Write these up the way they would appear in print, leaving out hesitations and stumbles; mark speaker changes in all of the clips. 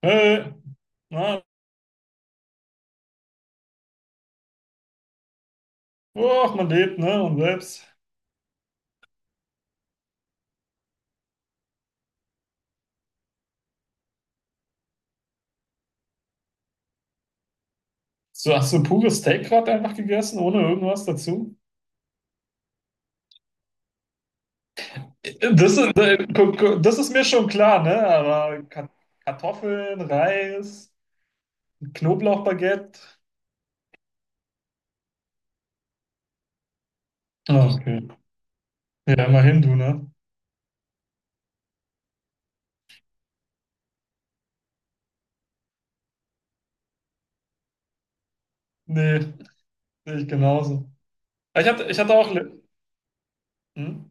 Speaker 1: Hey, na, oh, man lebt, ne? Und selbst. So, hast du pures Steak gerade einfach gegessen, ohne irgendwas dazu? Das ist mir schon klar, ne? Aber Kartoffeln, Reis, Knoblauchbaguette. Ah, okay. Ja, immerhin du, ne? Nee, sehe ich genauso. Ich hatte auch, hm?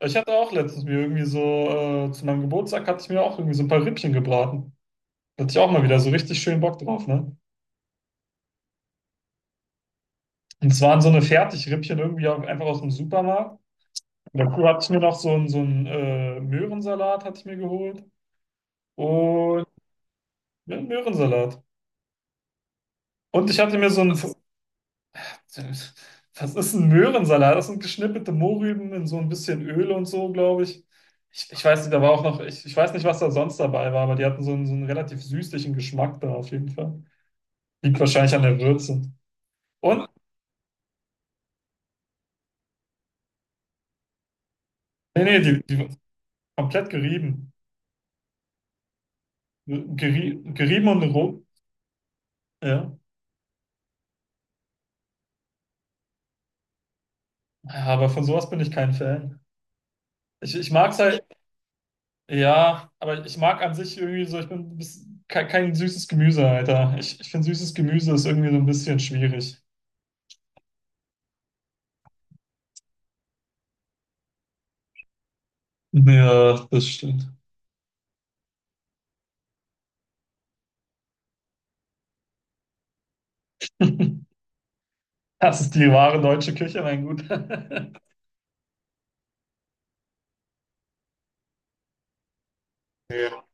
Speaker 1: Ich hatte auch letztens mir irgendwie so, zu meinem Geburtstag hatte ich mir auch irgendwie so ein paar Rippchen gebraten. Da hatte ich auch mal wieder so richtig schön Bock drauf, ne? Und es waren so eine Fertigrippchen irgendwie auch einfach aus dem Supermarkt. Und dazu hatte ich mir noch so einen Möhrensalat hatte ich mir geholt. Und ja, einen Möhrensalat. Und ich hatte mir so einen. Was ist ein Möhrensalat? Das sind geschnippelte Mohrrüben in so ein bisschen Öl und so, glaube ich. Ich weiß nicht, da war auch noch, ich weiß nicht, was da sonst dabei war, aber die hatten so einen relativ süßlichen Geschmack da auf jeden Fall. Liegt wahrscheinlich an der Würze. Und, nee, nee, die komplett gerieben. Gerieben und roh. Ja. Ja, aber von sowas bin ich kein Fan. Ich mag's halt, ja, aber ich mag an sich irgendwie so, ich bin kein süßes Gemüse, Alter. Ich finde süßes Gemüse ist irgendwie so ein bisschen schwierig. Ja, das stimmt. Das ist die wahre deutsche Küche, mein Guter. Ja.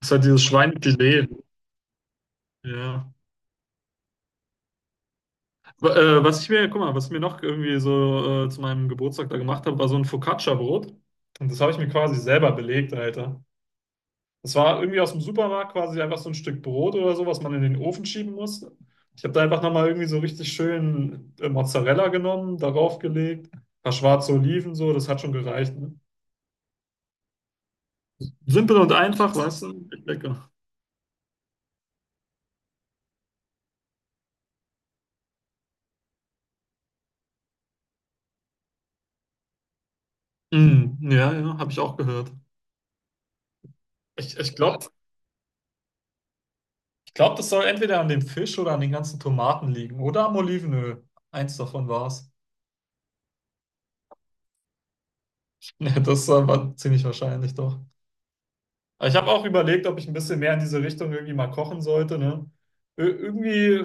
Speaker 1: Das ist halt dieses Schweinefilet. Ja. Aber, was ich mir, guck mal, was ich mir noch irgendwie so zu meinem Geburtstag da gemacht habe, war so ein Focaccia-Brot. Und das habe ich mir quasi selber belegt, Alter. Das war irgendwie aus dem Supermarkt quasi einfach so ein Stück Brot oder so, was man in den Ofen schieben muss. Ich habe da einfach nochmal irgendwie so richtig schön Mozzarella genommen, darauf gelegt, ein paar schwarze Oliven, so, das hat schon gereicht. Ne? Simpel und einfach, weißt du? Echt lecker. Mm, ja, ja, habe ich auch gehört. Ich glaube, das soll entweder an dem Fisch oder an den ganzen Tomaten liegen oder am Olivenöl. Eins davon war es. Ja, das war ziemlich wahrscheinlich doch. Aber ich habe auch überlegt, ob ich ein bisschen mehr in diese Richtung irgendwie mal kochen sollte, ne? Irgendwie.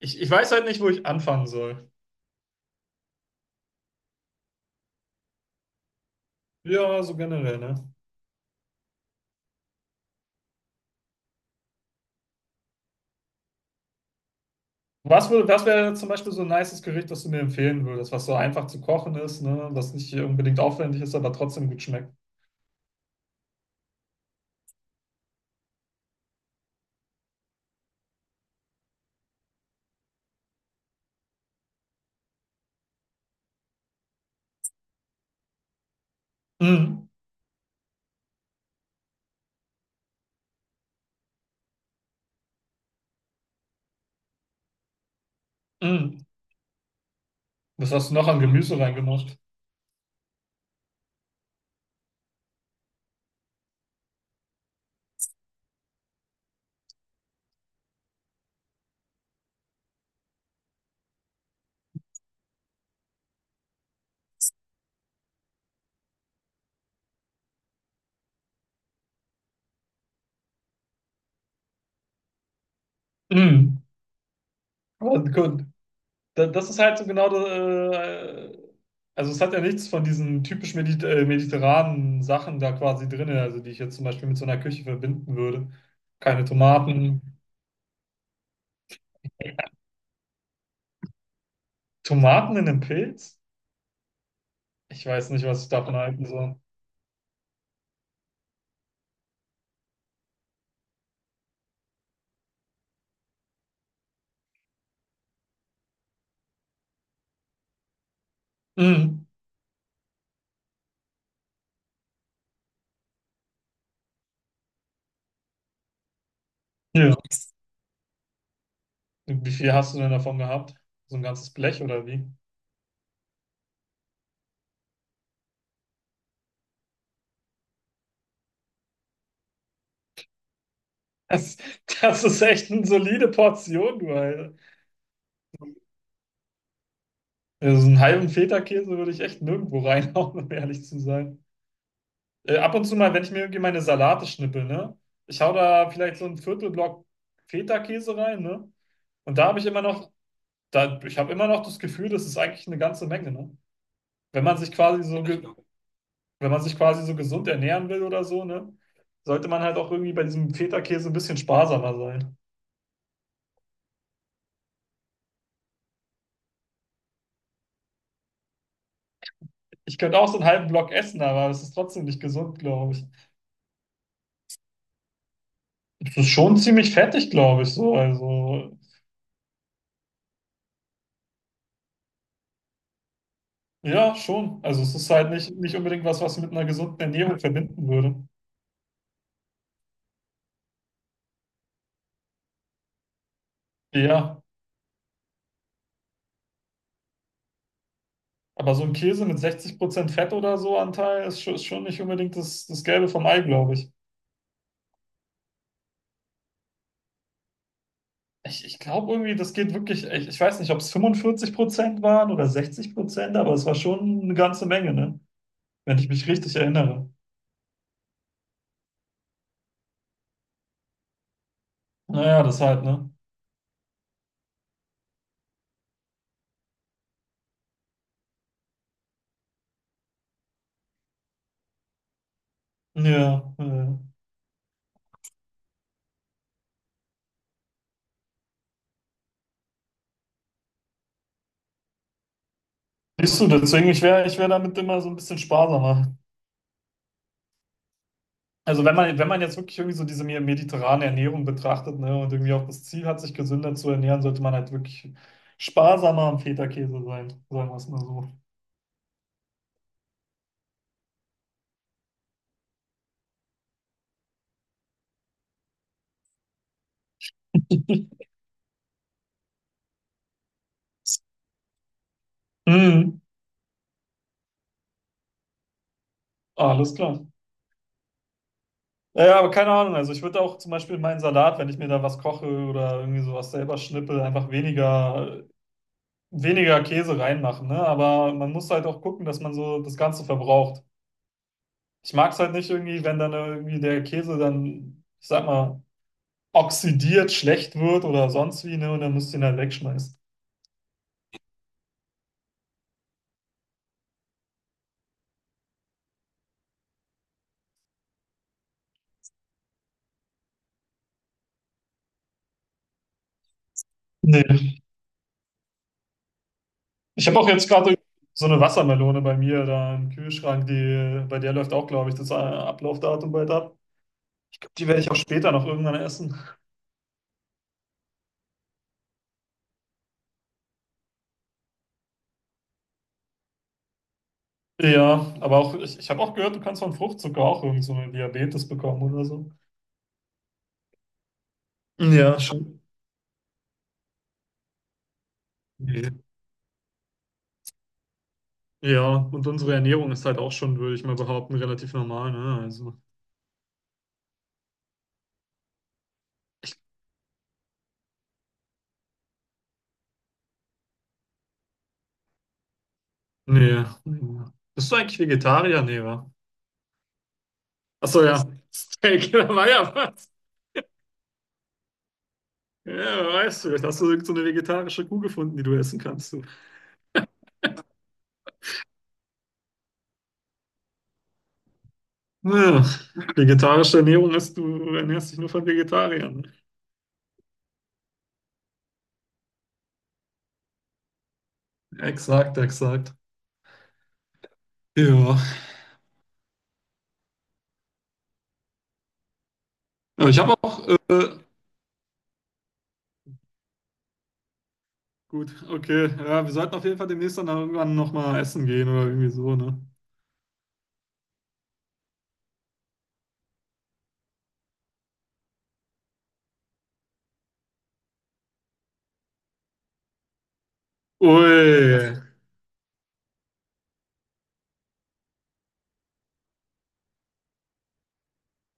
Speaker 1: Ich weiß halt nicht, wo ich anfangen soll. Ja, so generell, ne? Was wäre zum Beispiel so ein nices Gericht, das du mir empfehlen würdest, was so einfach zu kochen ist, ne? Was nicht unbedingt aufwendig ist, aber trotzdem gut schmeckt? Mm, mm. Was hast du noch an Gemüse reingemacht? Mm. Aber gut. Das ist halt so genau das, also es hat ja nichts von diesen typisch mediterranen Sachen da quasi drin, also die ich jetzt zum Beispiel mit so einer Küche verbinden würde. Keine Tomaten. Tomaten in einem Pilz? Ich weiß nicht, was ich davon halten soll. Mhm. Ja. Wie viel hast du denn davon gehabt? So ein ganzes Blech oder wie? Das, das ist echt eine solide Portion, du Alter. Also so einen halben Feta-Käse würde ich echt nirgendwo reinhauen, um ehrlich zu sein. Ab und zu mal, wenn ich mir irgendwie meine Salate schnippel, ne? Ich hau da vielleicht so einen Viertelblock Feta-Käse rein, ne? Und da habe ich immer noch, da, ich habe immer noch das Gefühl, das ist eigentlich eine ganze Menge, ne? Wenn man sich quasi so ge- Wenn man sich quasi so gesund ernähren will oder so, ne, sollte man halt auch irgendwie bei diesem Feta-Käse ein bisschen sparsamer sein. Ich könnte auch so einen halben Block essen, aber es ist trotzdem nicht gesund, glaube ich. Es ist schon ziemlich fettig, glaube ich, so. Also, ja, schon. Also, es ist halt nicht unbedingt was, was ich mit einer gesunden Ernährung verbinden würde. Ja, aber so ein Käse mit 60% Fett oder so Anteil ist, ist schon nicht unbedingt das Gelbe vom Ei, glaube ich. Ich glaube irgendwie, das geht wirklich, ich weiß nicht, ob es 45% waren oder 60%, aber es war schon eine ganze Menge, ne? Wenn ich mich richtig erinnere. Naja, das halt, ne? Ja, ja. Siehst du, deswegen, ich wär damit immer so ein bisschen sparsamer. Also wenn man jetzt wirklich irgendwie so diese mediterrane Ernährung betrachtet, ne, und irgendwie auch das Ziel hat, sich gesünder zu ernähren, sollte man halt wirklich sparsamer am Feta-Käse sein, sagen wir es mal so. Mhm. Alles klar. Ja, ja, aber keine Ahnung. Also ich würde auch zum Beispiel meinen Salat, wenn ich mir da was koche oder irgendwie sowas selber schnippel, einfach weniger, weniger Käse reinmachen, ne? Aber man muss halt auch gucken, dass man so das Ganze verbraucht. Ich mag es halt nicht irgendwie, wenn dann irgendwie der Käse dann, ich sag mal, oxidiert, schlecht wird oder sonst wie, ne? Und dann musst du ihn halt wegschmeißen. Nee. Ich habe auch jetzt gerade so eine Wassermelone bei mir da im Kühlschrank, die, bei der läuft auch, glaube ich, das Ablaufdatum bald ab. Ich glaube, die werde ich auch später noch irgendwann essen. Ja, aber auch, ich habe auch gehört, du kannst von Fruchtzucker auch irgend so eine Diabetes bekommen oder so. Ja, schon. Ja, und unsere Ernährung ist halt auch schon, würde ich mal behaupten, relativ normal, ne? Also, nee. Bist du eigentlich Vegetarier? Nee, wa? Achso, ja. Steak, da war ja was. Ja, wer weiß, vielleicht hast du irgend so eine vegetarische Kuh gefunden, die du essen kannst. Du. Ja, vegetarische Ernährung ist, du ernährst dich nur von Vegetariern. Exakt, exakt. Ja. Aber ich habe auch gut, okay. Ja, wir sollten auf jeden Fall demnächst dann irgendwann nochmal essen gehen oder irgendwie so, ne? Ui.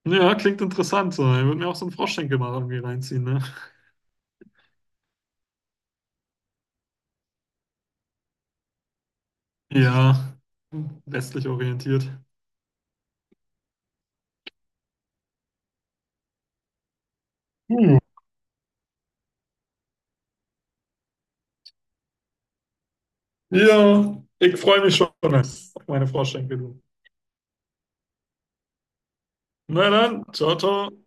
Speaker 1: Ja, klingt interessant. So. Ich würde mir auch so einen Froschschenkel mal irgendwie reinziehen, ne? Ja, westlich orientiert. Hm. Ja, ich freue mich schon auf meine Froschschenkel. Du. Na dann, ciao, ciao.